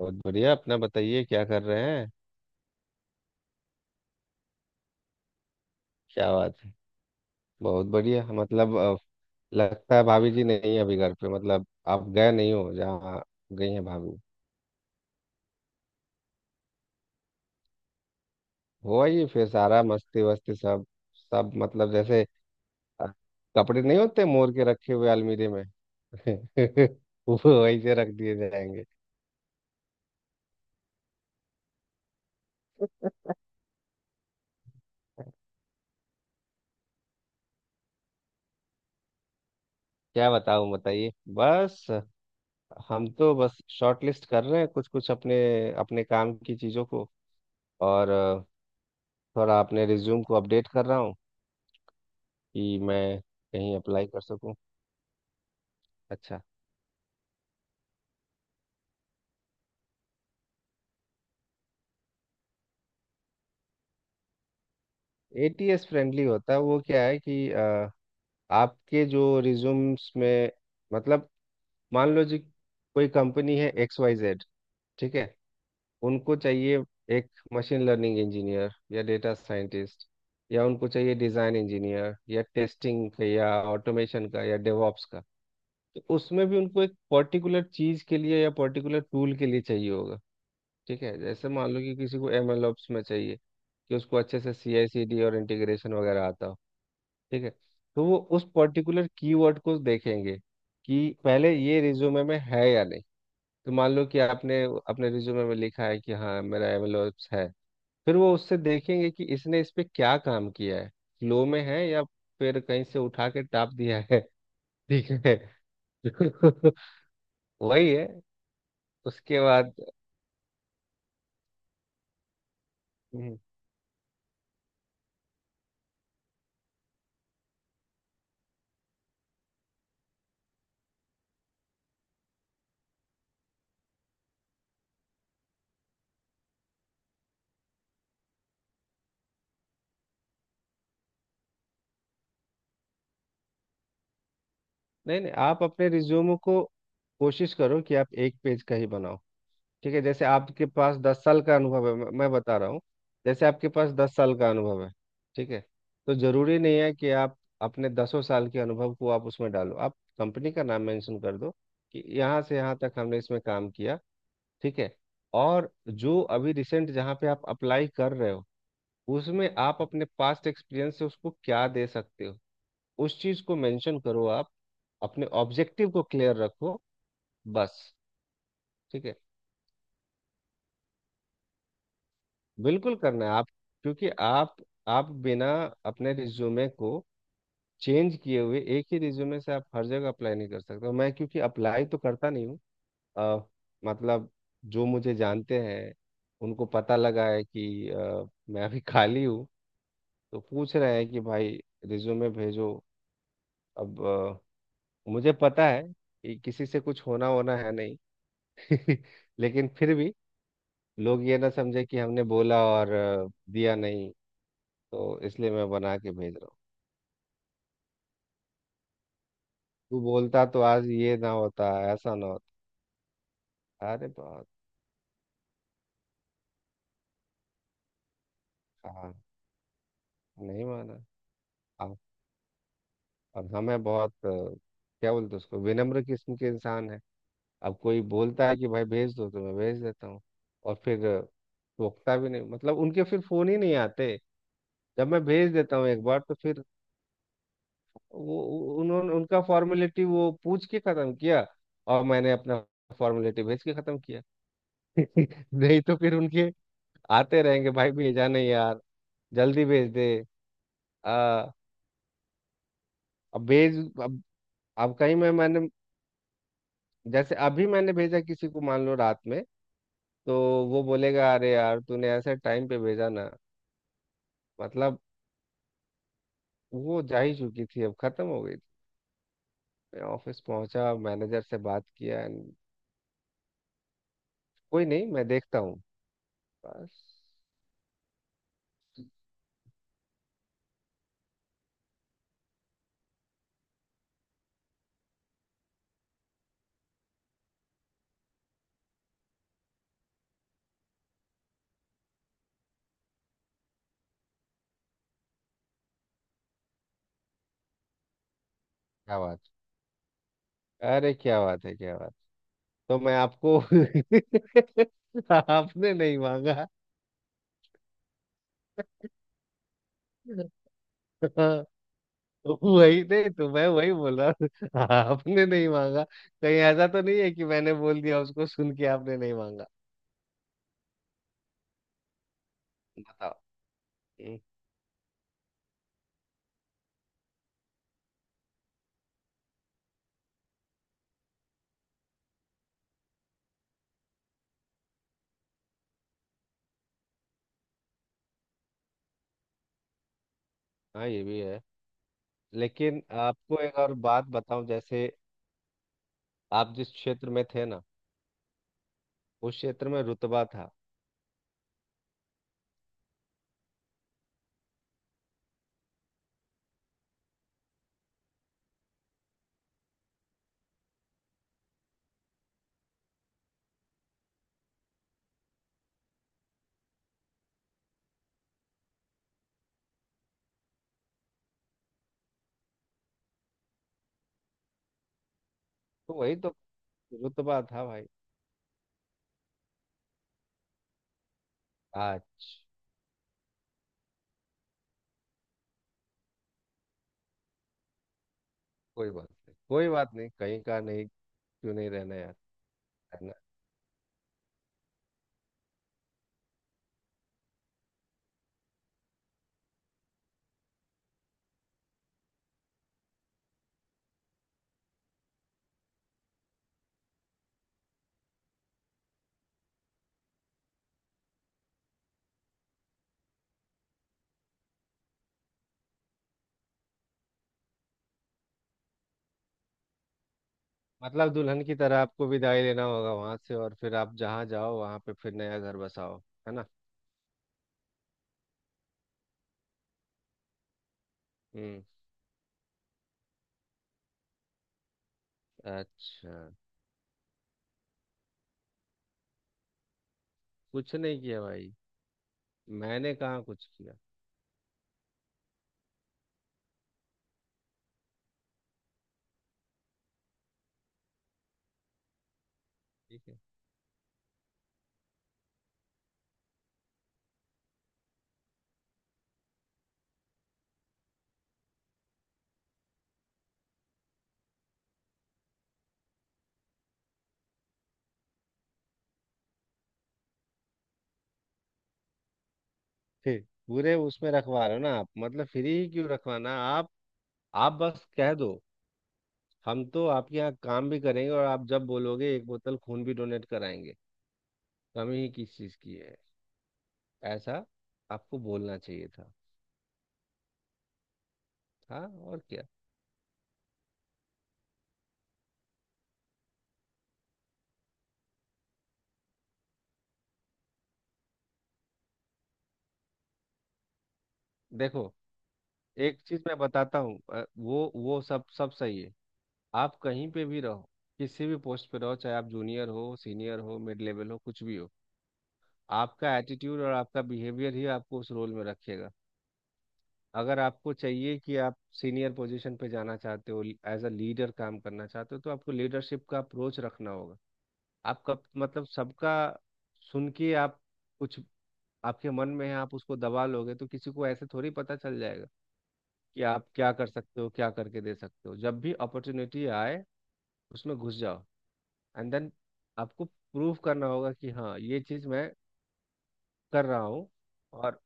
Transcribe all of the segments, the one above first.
बहुत बढ़िया। अपना बताइए, क्या कर रहे हैं। क्या बात है। बहुत बढ़िया, मतलब लगता है भाभी जी नहीं है अभी घर पे, मतलब आप गए नहीं हो जहाँ गई हैं भाभी। हो आइए फिर, सारा मस्ती वस्ती सब, मतलब जैसे अ, कपड़े नहीं होते मोर के रखे हुए अलमीरे में। वो वैसे रख दिए जाएंगे। क्या बताऊं, बताइए बस। हम तो बस शॉर्ट लिस्ट कर रहे हैं कुछ कुछ अपने अपने काम की चीज़ों को, और थोड़ा अपने रिज्यूम को अपडेट कर रहा हूँ कि मैं कहीं अप्लाई कर सकूं। अच्छा, एटीएस फ्रेंडली होता है। वो क्या है कि आपके जो रिज्यूम्स में, मतलब मान लो जी, कोई कंपनी है एक्स वाई जेड। ठीक है। उनको चाहिए एक मशीन लर्निंग इंजीनियर या डेटा साइंटिस्ट, या उनको चाहिए डिज़ाइन इंजीनियर या टेस्टिंग का या ऑटोमेशन का या डेवॉप्स का। तो उसमें भी उनको एक पर्टिकुलर चीज़ के लिए या पर्टिकुलर टूल के लिए चाहिए होगा। ठीक है, जैसे मान लो कि किसी को एमएल ओप्स में चाहिए, कि उसको अच्छे से सीआई सीडी और इंटीग्रेशन वगैरह आता हो। ठीक है। तो वो उस पर्टिकुलर कीवर्ड को देखेंगे कि पहले ये रिज्यूमे में है या नहीं। तो मान लो कि आपने अपने रिज्यूमे में लिखा है कि हाँ मेरा एमएल ओप्स है। फिर वो उससे देखेंगे कि इसने इस पे क्या काम किया है, फ्लो में है या फिर कहीं से उठा के टाप दिया है। ठीक है। वही है, उसके बाद। हम्म। नहीं नहीं, आप अपने रिज्यूम को कोशिश करो कि आप एक पेज का ही बनाओ। ठीक है, जैसे आपके पास 10 साल का अनुभव है, मैं बता रहा हूँ। जैसे आपके पास दस साल का अनुभव है। ठीक है। तो जरूरी नहीं है कि आप अपने दसों साल के अनुभव को आप उसमें डालो, आप कंपनी का नाम मेंशन कर दो कि यहाँ से यहाँ तक हमने इसमें काम किया। ठीक है। और जो अभी रिसेंट जहाँ पे आप अप्लाई कर रहे हो, उसमें आप अपने पास्ट एक्सपीरियंस से उसको क्या दे सकते हो, उस चीज को मेंशन करो आप। अपने ऑब्जेक्टिव को क्लियर रखो, बस। ठीक है। बिल्कुल करना है आप, क्योंकि आप बिना अपने रिज्यूमे को चेंज किए हुए एक ही रिज्यूमे से आप हर जगह अप्लाई नहीं कर सकते हो। मैं क्योंकि अप्लाई तो करता नहीं हूँ अ, मतलब जो मुझे जानते हैं, उनको पता लगा है कि मैं अभी खाली हूँ। तो पूछ रहे हैं कि भाई रिज्यूमे भेजो। अब मुझे पता है कि किसी से कुछ होना होना है नहीं। लेकिन फिर भी लोग ये ना समझे कि हमने बोला और दिया नहीं। तो इसलिए मैं बना के भेज रहा हूँ। तू बोलता तो आज ये ना होता, ऐसा ना होता। अरे बहुत। हाँ, नहीं माना। अब अब हमें बहुत क्या बोलते हैं उसको, विनम्र किस्म के इंसान है। अब कोई बोलता है कि भाई भेज दो तो मैं भेज देता हूँ। और फिर टोकता भी नहीं, मतलब उनके फिर फोन ही नहीं आते। जब मैं भेज देता हूँ एक बार तो फिर उन्होंने उनका फॉर्मेलिटी वो पूछ के खत्म किया, और मैंने अपना फॉर्मेलिटी भेज के खत्म किया। नहीं तो फिर उनके आते रहेंगे, भाई भेजा नहीं यार, जल्दी भेज दे। आ, अब भेज। अब अब कहीं मैं मैंने, जैसे अभी मैंने भेजा किसी को मान लो रात में, तो वो बोलेगा अरे यार तूने ऐसे टाइम पे भेजा ना। मतलब वो जा ही चुकी थी, अब खत्म हो गई थी। मैं ऑफिस पहुंचा, मैनेजर से बात किया, and कोई नहीं मैं देखता हूँ, बस। क्या बात। अरे क्या बात है, क्या बात। तो मैं आपको आपने नहीं मांगा। वही, नहीं तो मैं वही बोल रहा हूँ। आपने नहीं मांगा। कहीं ऐसा तो नहीं है कि मैंने बोल दिया उसको सुन के आपने नहीं मांगा। बताओ। हम्म, हाँ ये भी है। लेकिन आपको एक और बात बताऊं, जैसे आप जिस क्षेत्र में थे ना, उस क्षेत्र में रुतबा था। तो वही तो रुतबा था भाई। आज कोई बात नहीं, कोई बात नहीं कहीं का नहीं। क्यों नहीं रहना यार, रहना। मतलब दुल्हन की तरह आपको विदाई लेना होगा वहां से, और फिर आप जहाँ जाओ वहां पे फिर नया घर बसाओ, है ना। हम्म। अच्छा, कुछ नहीं किया भाई, मैंने कहाँ कुछ किया। ठीक है। फिर पूरे उसमें रखवा रहे हो ना आप, मतलब फ्री ही क्यों रखवाना आप। आप बस कह दो, हम तो आपके यहाँ काम भी करेंगे और आप जब बोलोगे एक बोतल खून भी डोनेट कराएंगे, कमी ही किस चीज़ की है। ऐसा आपको बोलना चाहिए था। हाँ, और क्या। देखो, एक चीज़ मैं बताता हूँ, वो सब सब सही है। आप कहीं पे भी रहो, किसी भी पोस्ट पे रहो, चाहे आप जूनियर हो सीनियर हो मिड लेवल हो कुछ भी हो, आपका एटीट्यूड और आपका बिहेवियर ही आपको उस रोल में रखेगा। अगर आपको चाहिए कि आप सीनियर पोजीशन पे जाना चाहते हो, एज अ लीडर काम करना चाहते हो, तो आपको लीडरशिप का अप्रोच रखना होगा। आपका मतलब सबका सुन के आप, कुछ आपके मन में है आप उसको दबा लोगे तो किसी को ऐसे थोड़ी पता चल जाएगा कि आप क्या कर सकते हो, क्या करके दे सकते हो। जब भी अपॉर्चुनिटी आए, उसमें घुस जाओ, एंड देन आपको प्रूव करना होगा कि हाँ ये चीज़ मैं कर रहा हूँ। और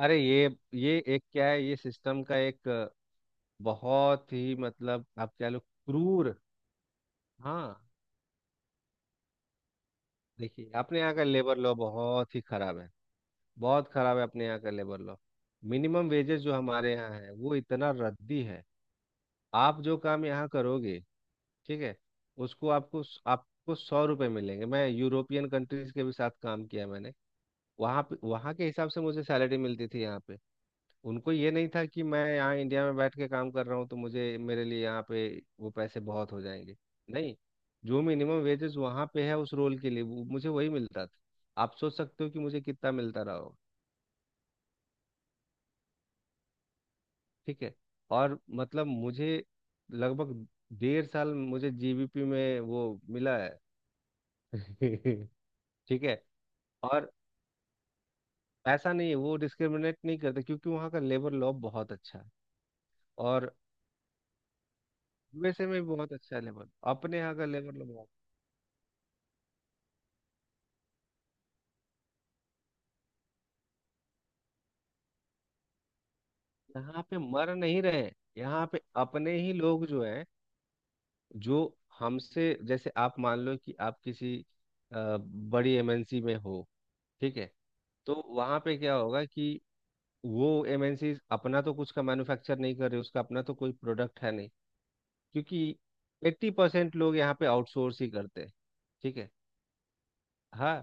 अरे ये एक क्या है, ये सिस्टम का एक बहुत ही, मतलब आप क्या लो, क्रूर। हाँ। देखिए अपने यहाँ का लेबर लॉ बहुत ही खराब है। बहुत खराब है अपने यहाँ का लेबर लॉ। मिनिमम वेजेस जो हमारे यहाँ है वो इतना रद्दी है। आप जो काम यहाँ करोगे, ठीक है, उसको आपको आपको 100 रुपए मिलेंगे। मैं यूरोपियन कंट्रीज के भी साथ काम किया मैंने। वहाँ पे, वहाँ के हिसाब से मुझे सैलरी मिलती थी यहाँ पे। उनको ये नहीं था कि मैं यहाँ इंडिया में बैठ के काम कर रहा हूँ तो मुझे, मेरे लिए यहाँ पे वो पैसे बहुत हो जाएंगे। नहीं, जो मिनिमम वेजेस वहाँ पे है उस रोल के लिए वो मुझे वही मिलता था। आप सोच सकते हो कि मुझे कितना मिलता रहा होगा। ठीक है। और मतलब मुझे लगभग डेढ़ साल मुझे जीबीपी में वो मिला है। ठीक है। और ऐसा नहीं है, वो डिस्क्रिमिनेट नहीं करते क्योंकि वहाँ का लेबर लॉ बहुत अच्छा है। और यूएसए में भी बहुत अच्छा है लेबर, अपने यहाँ का लेबर लॉ। यहाँ पे मर नहीं रहे हैं। यहाँ पे अपने ही लोग जो हैं, जो हमसे, जैसे आप मान लो कि आप किसी बड़ी एमएनसी में हो। ठीक है। तो वहाँ पे क्या होगा कि वो एमएनसी अपना तो कुछ का मैन्युफैक्चर नहीं कर रहे, उसका अपना तो कोई प्रोडक्ट है नहीं। क्योंकि 80% लोग यहाँ पे आउटसोर्स ही करते हैं। ठीक है, हाँ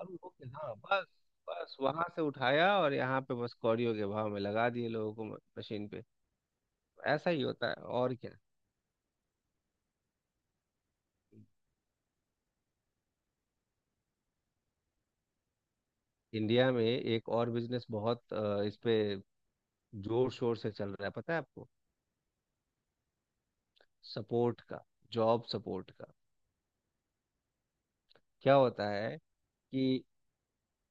हम लोग, हाँ बस, बस वहां से उठाया और यहाँ पे बस कौड़ियों के भाव में लगा दिए लोगों को मशीन पे। ऐसा ही होता है। और क्या। इंडिया में एक और बिजनेस बहुत इस पे जोर शोर से चल रहा है, पता है आपको, सपोर्ट का, जॉब सपोर्ट का। क्या होता है कि,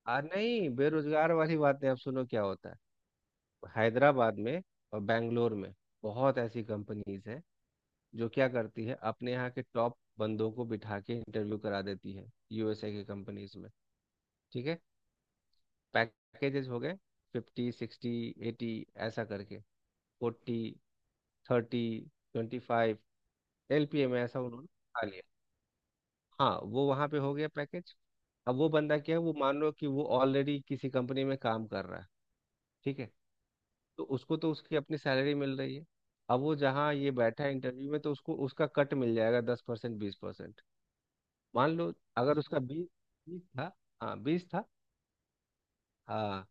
आ नहीं बेरोजगार वाली बात नहीं, आप सुनो क्या होता है। हैदराबाद में और बैंगलोर में बहुत ऐसी कंपनीज हैं, जो क्या करती है, अपने यहाँ के टॉप बंदों को बिठा के इंटरव्यू करा देती है यूएसए की कंपनीज में। ठीक है। पैकेजेस हो गए 50 60 80, ऐसा करके 40 30 25 एलपीए में, ऐसा उन्होंने खा लिया। हाँ, वो वहां पे हो गया पैकेज। अब वो बंदा क्या है, वो मान लो कि वो ऑलरेडी किसी कंपनी में काम कर रहा है। ठीक है। तो उसको तो उसकी अपनी सैलरी मिल रही है। अब वो जहाँ ये बैठा है इंटरव्यू में, तो उसको उसका कट मिल जाएगा, 10% 20%। मान लो अगर उसका बीस बीस था। हाँ, 20 था, हाँ।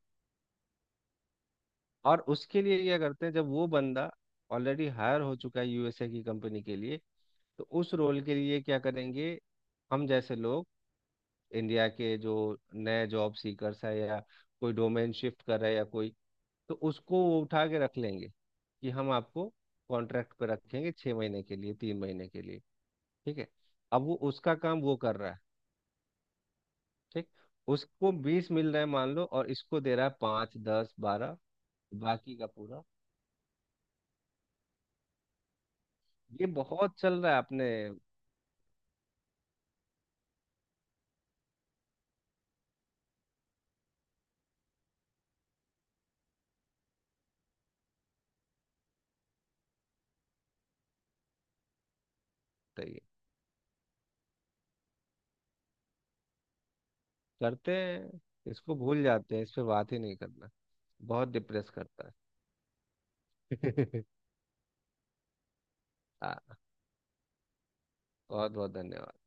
और उसके लिए क्या करते हैं, जब वो बंदा ऑलरेडी हायर हो चुका है यूएसए की कंपनी के लिए, तो उस रोल के लिए क्या करेंगे। हम जैसे लोग, इंडिया के जो नए जॉब सीकर्स है, या कोई डोमेन शिफ्ट कर रहा है, या कोई, तो उसको वो उठा के रख लेंगे कि हम आपको कॉन्ट्रैक्ट पे रखेंगे, 6 महीने के लिए, 3 महीने के लिए। ठीक है। अब वो उसका काम वो कर रहा है। ठीक, उसको 20 मिल रहा है मान लो और इसको दे रहा है पाँच दस बारह, बाकी का पूरा। ये बहुत चल रहा है अपने। तय करते हैं, इसको भूल जाते हैं, इस पे बात ही नहीं करना, बहुत डिप्रेस करता है। हाँ, बहुत बहुत धन्यवाद।